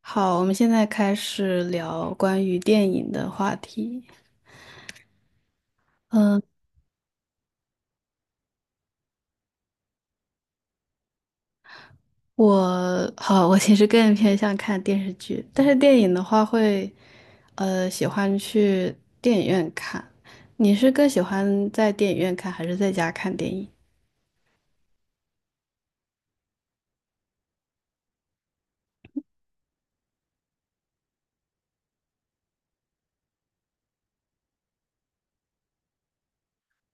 好，我们现在开始聊关于电影的话题。嗯，我其实更偏向看电视剧，但是电影的话会，喜欢去电影院看。你是更喜欢在电影院看，还是在家看电影？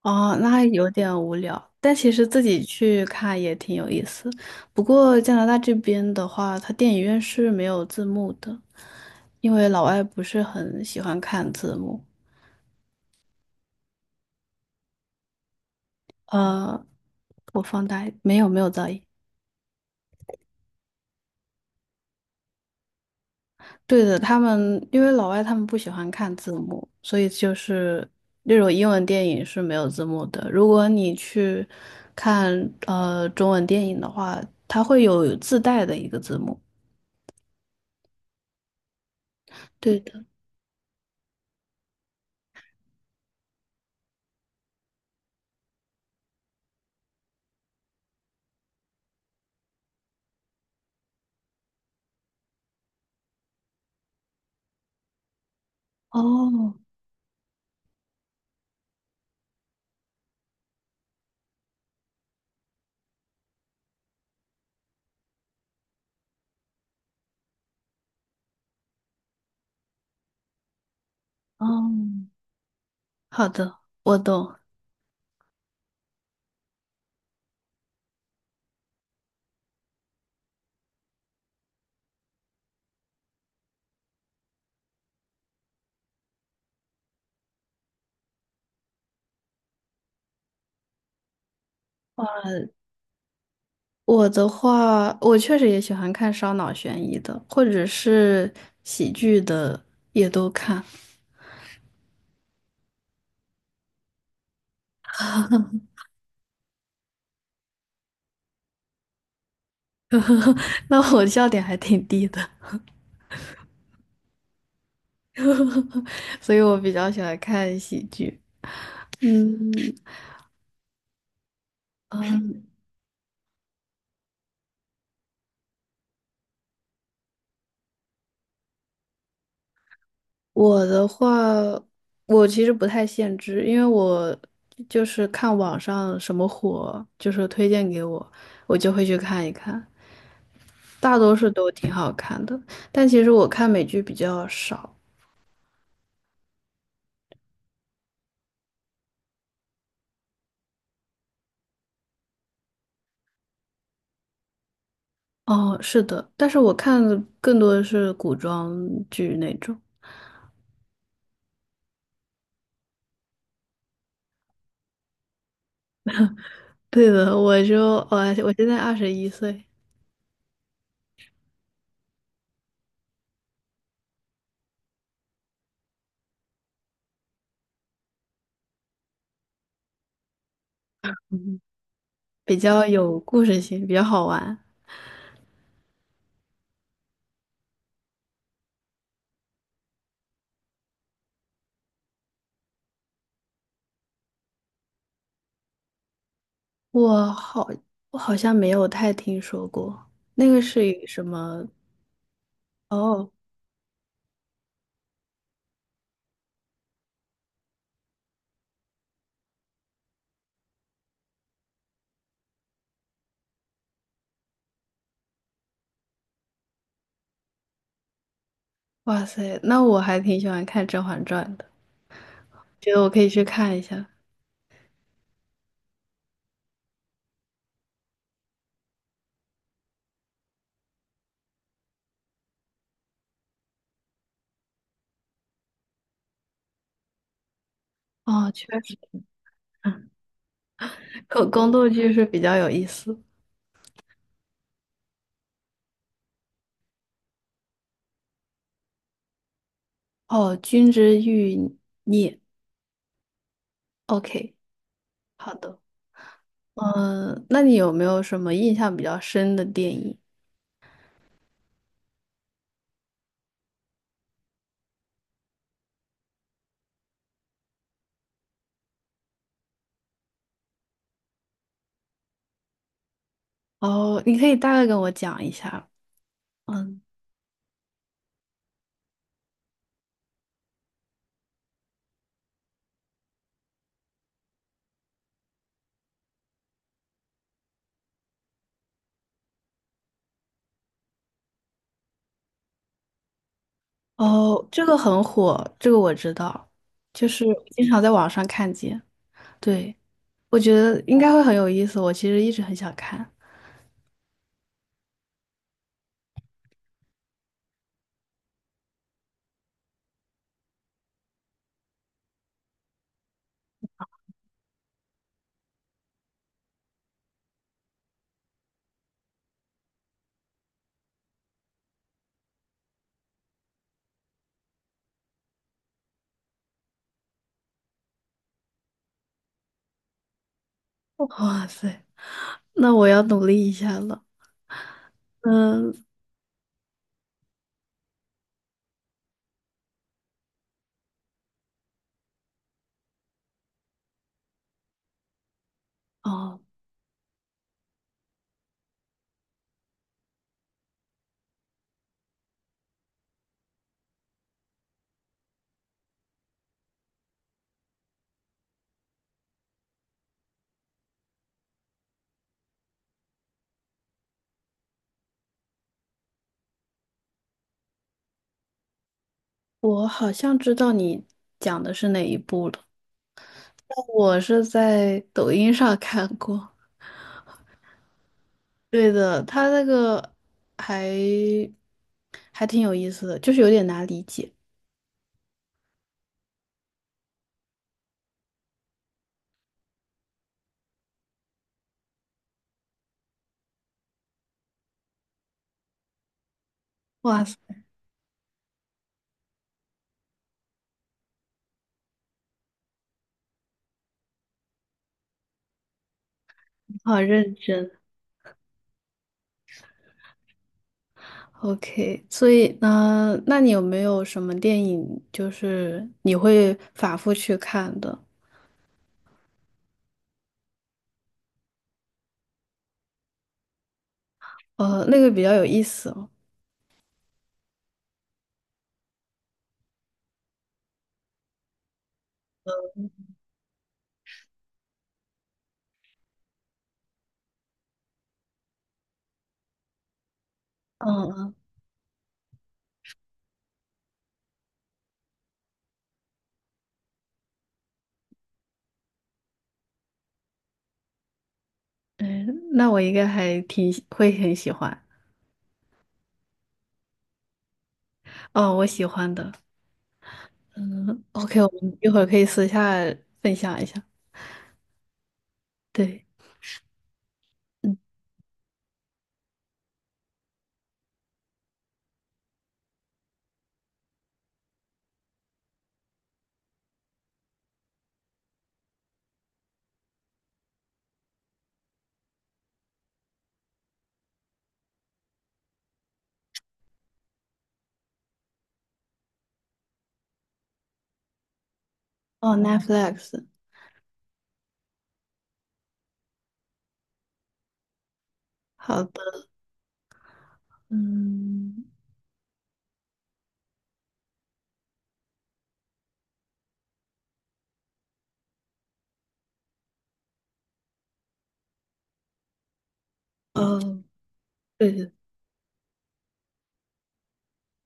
哦，那还有点无聊，但其实自己去看也挺有意思。不过加拿大这边的话，它电影院是没有字幕的，因为老外不是很喜欢看字幕。呃，我放大一没有，没有噪音。对的，他们因为老外他们不喜欢看字幕，所以就是那种英文电影是没有字幕的。如果你去看中文电影的话，它会有自带的一个字幕。对的，哦，哦，好的，我懂。我的话，我确实也喜欢看烧脑悬疑的，或者是喜剧的，也都看。那我笑点还挺低的。所以我比较喜欢看喜剧。嗯，嗯，我的话，我其实不太限制，因为我就是看网上什么火，就是推荐给我，我就会去看一看，大多数都挺好看的。但其实我看美剧比较少。哦，是的，但是我看的更多的是古装剧那种。对的，我就我我现在21岁，比较有故事性，比较好玩。我好，我好像没有太听说过，那个是以什么？哦，哇塞，那我还挺喜欢看《甄嬛传》的，觉得我可以去看一下。哦，确实，宫斗剧是比较有意思。哦，《君之玉》，OK，好的。嗯，那你有没有什么印象比较深的电影？哦，你可以大概跟我讲一下。嗯，哦，这个很火，这个我知道，就是经常在网上看见。对。我觉得应该会很有意思，我其实一直很想看。哇塞，那我要努力一下了。嗯哦，我好像知道你讲的是哪一部了。我是在抖音上看过。对的，他那个还还挺有意思的，就是有点难理解。哇塞，你好认真。OK，所以呢，那你有没有什么电影就是你会反复去看的？那个比较有意思哦。嗯嗯，那我应该还挺喜会很喜欢。哦，我喜欢的。嗯，OK，我们一会儿可以私下分享一下。对，嗯，哦，Netflix，好的，嗯，哦，对对，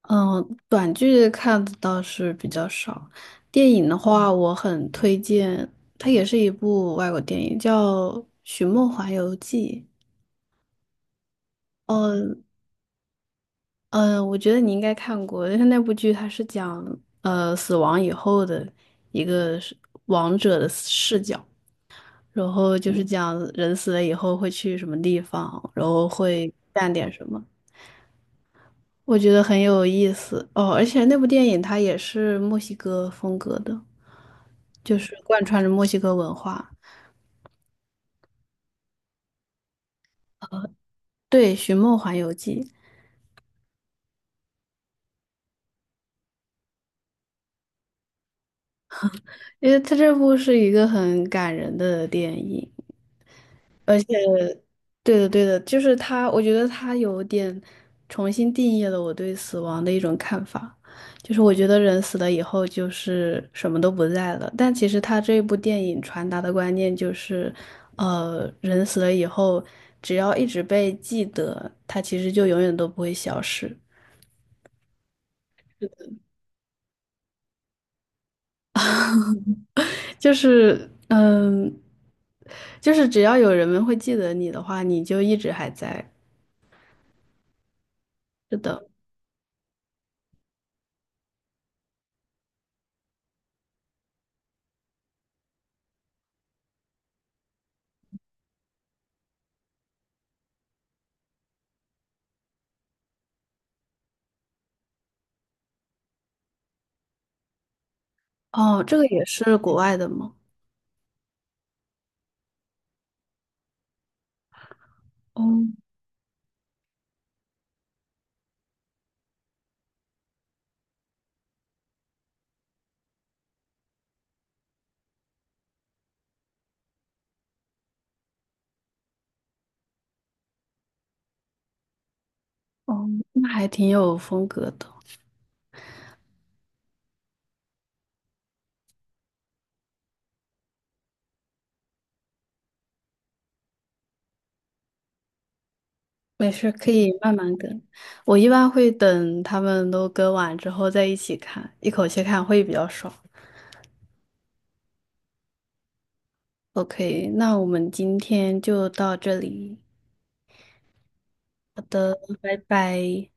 嗯，短剧看的倒是比较少，电影的话，我很推荐，它也是一部外国电影，叫《寻梦环游记》。嗯。嗯，我觉得你应该看过，但是那部剧它是讲死亡以后的一个是王者的视角，然后就是讲人死了以后会去什么地方，然后会干点什么，我觉得很有意思哦。而且那部电影它也是墨西哥风格的，就是贯穿着墨西哥文化。对，《寻梦环游记》，因为它这部是一个很感人的电影。而且，对的，对的，就是他，我觉得他有点重新定义了我对死亡的一种看法，就是我觉得人死了以后就是什么都不在了，但其实他这部电影传达的观念就是，人死了以后，只要一直被记得，他其实就永远都不会消失，就是嗯，就是只要有人们会记得你的话，你就一直还在。是的，哦，这个也是国外的吗？哦哦，那还挺有风格的。没事，可以慢慢跟。我一般会等他们都跟完之后再一起看，一口气看会比较爽。OK，那我们今天就到这里。好的，拜拜。